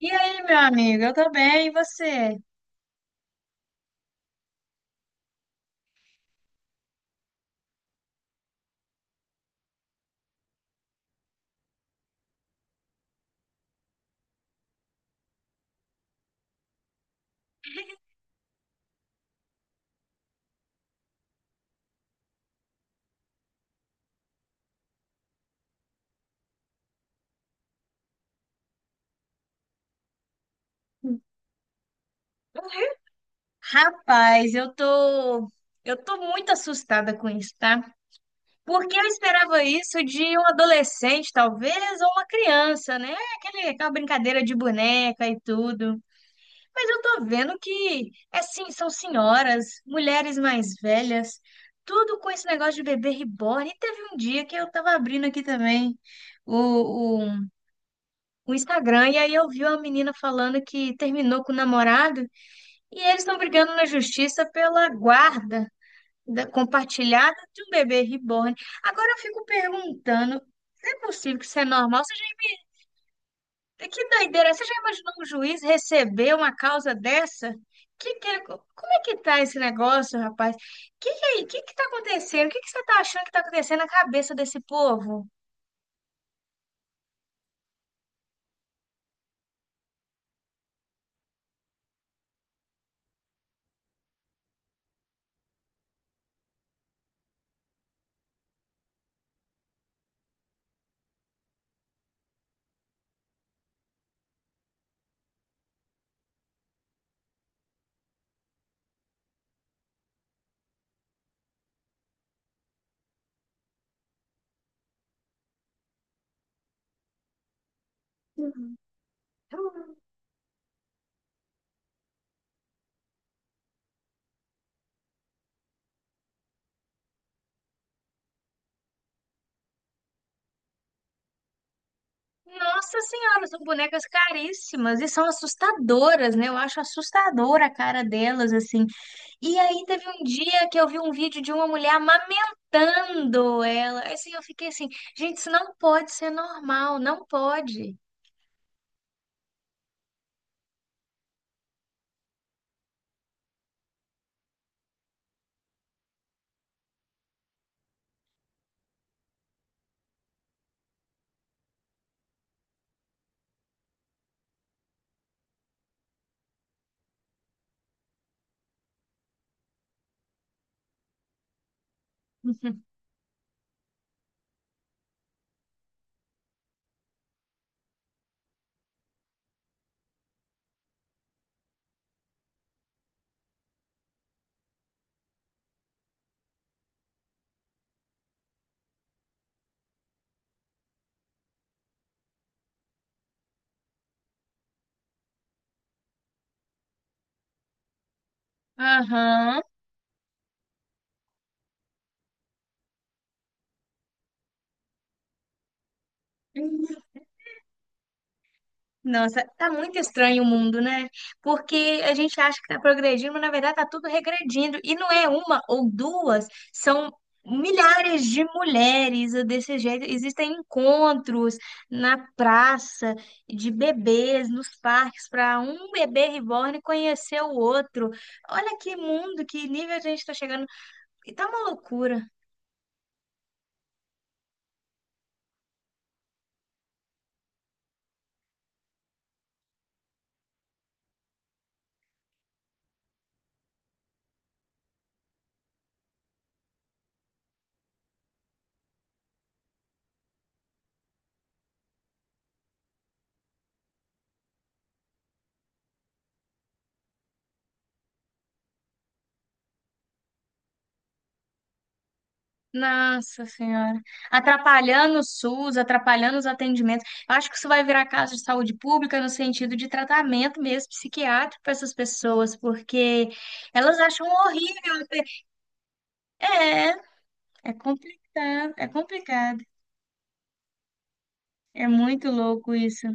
E aí, meu amigo? Eu tô bem, e você? Rapaz, eu tô muito assustada com isso, tá? Porque eu esperava isso de um adolescente, talvez, ou uma criança, né? Aquela brincadeira de boneca e tudo. Mas eu tô vendo que, é sim, são senhoras, mulheres mais velhas, tudo com esse negócio de bebê reborn. E teve um dia que eu tava abrindo aqui também o, o o Instagram, e aí eu vi uma menina falando que terminou com o namorado. E eles estão brigando na justiça pela guarda compartilhada de um bebê reborn. Agora eu fico perguntando, é possível que isso é normal? Você que doideira! Você já imaginou um juiz receber uma causa dessa? Como é que tá esse negócio, rapaz? Que tá acontecendo? O que que você tá achando que tá acontecendo na cabeça desse povo? Uhum. Nossa Senhora, são bonecas caríssimas e são assustadoras, né? Eu acho assustadora a cara delas, assim. E aí teve um dia que eu vi um vídeo de uma mulher amamentando ela. Assim, eu fiquei assim, gente, isso não pode ser normal, não pode. Aham. Nossa, tá muito estranho o mundo, né? Porque a gente acha que tá progredindo, mas na verdade tá tudo regredindo. E não é uma ou duas, são milhares de mulheres desse jeito. Existem encontros na praça de bebês, nos parques, para um bebê reborn conhecer o outro. Olha que mundo, que nível a gente tá chegando. E tá uma loucura. Nossa Senhora. Atrapalhando o SUS, atrapalhando os atendimentos. Eu acho que isso vai virar caso de saúde pública no sentido de tratamento mesmo psiquiátrico para essas pessoas, porque elas acham horrível. É, é complicado, é complicado. É muito louco isso.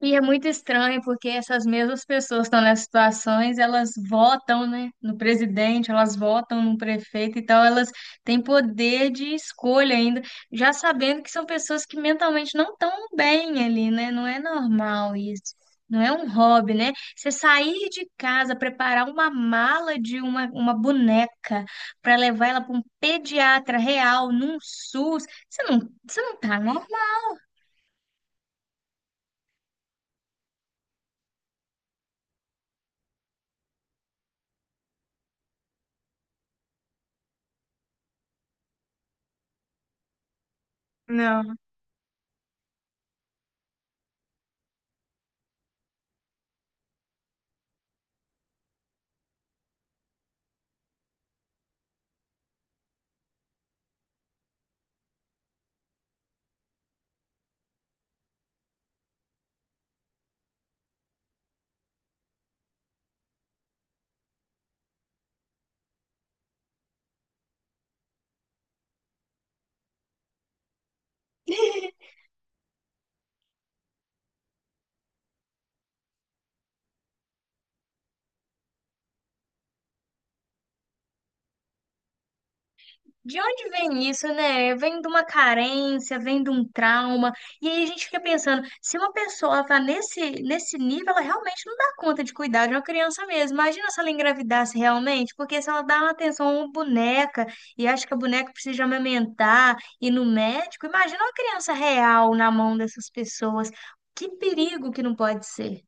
E é muito estranho porque essas mesmas pessoas que estão nessas situações, elas votam, né, no presidente, elas votam no prefeito então elas têm poder de escolha ainda, já sabendo que são pessoas que mentalmente não estão bem ali, né? Não é normal isso. Não é um hobby, né? Você sair de casa, preparar uma mala de uma boneca para levar ela para um pediatra real, num SUS, você não, você não tá normal. Não. De onde vem isso, né? Vem de uma carência, vem de um trauma. E aí a gente fica pensando, se uma pessoa tá nesse nível, ela realmente não dá conta de cuidar de uma criança mesmo. Imagina se ela engravidasse realmente, porque se ela dá uma atenção a uma boneca e acha que a boneca precisa amamentar, ir no médico, imagina uma criança real na mão dessas pessoas. Que perigo que não pode ser.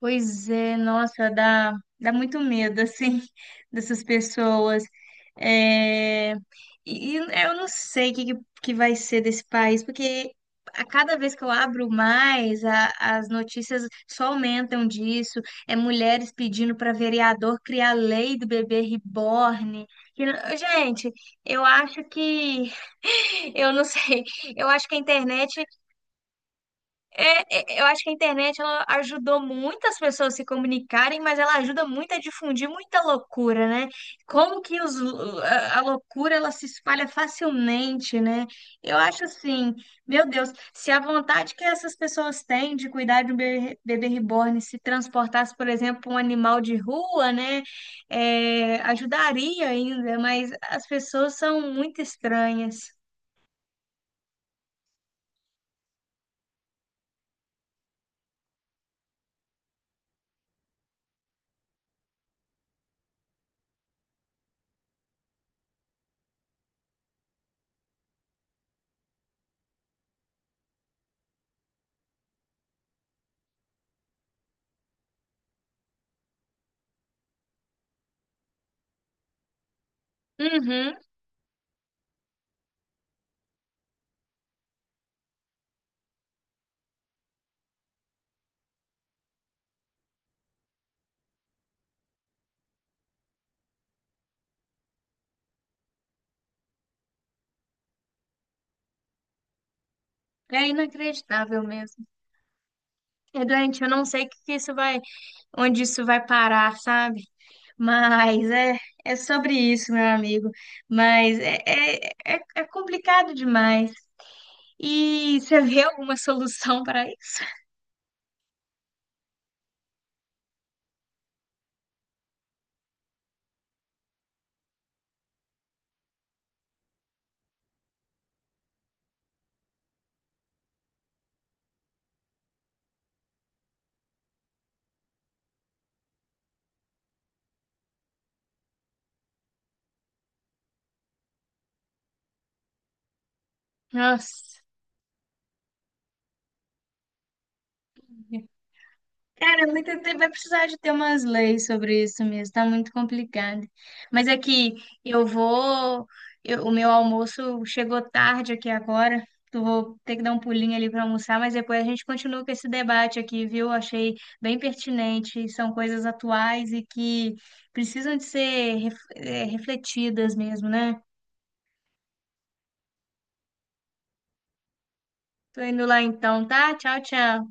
Pois é, nossa, dá muito medo, assim, dessas pessoas. É, e eu não sei o que, que vai ser desse país, porque a cada vez que eu abro mais, as notícias só aumentam disso. É mulheres pedindo para vereador criar lei do bebê reborn. E, gente, eu acho que eu não sei. Eu acho que a internet eu acho que a internet ela ajudou muitas pessoas a se comunicarem, mas ela ajuda muito a difundir muita loucura, né? Como que os, a loucura ela se espalha facilmente, né? Eu acho assim, meu Deus, se a vontade que essas pessoas têm de cuidar de um bebê reborn se transportasse, por exemplo, pra um animal de rua, né? É, ajudaria ainda, mas as pessoas são muito estranhas. Uhum, é inacreditável mesmo. É doente, eu não sei que isso vai, onde isso vai parar, sabe? Mas é, é sobre isso, meu amigo. Mas é complicado demais. E você vê alguma solução para isso? Nossa. Cara, é muito tempo vai precisar de ter umas leis sobre isso mesmo, tá muito complicado. Mas é que eu vou, o meu almoço chegou tarde aqui agora, eu vou ter que dar um pulinho ali para almoçar, mas depois a gente continua com esse debate aqui, viu? Achei bem pertinente, e são coisas atuais e que precisam de ser refletidas mesmo, né? Tô indo lá então, tá? Tchau, tchau.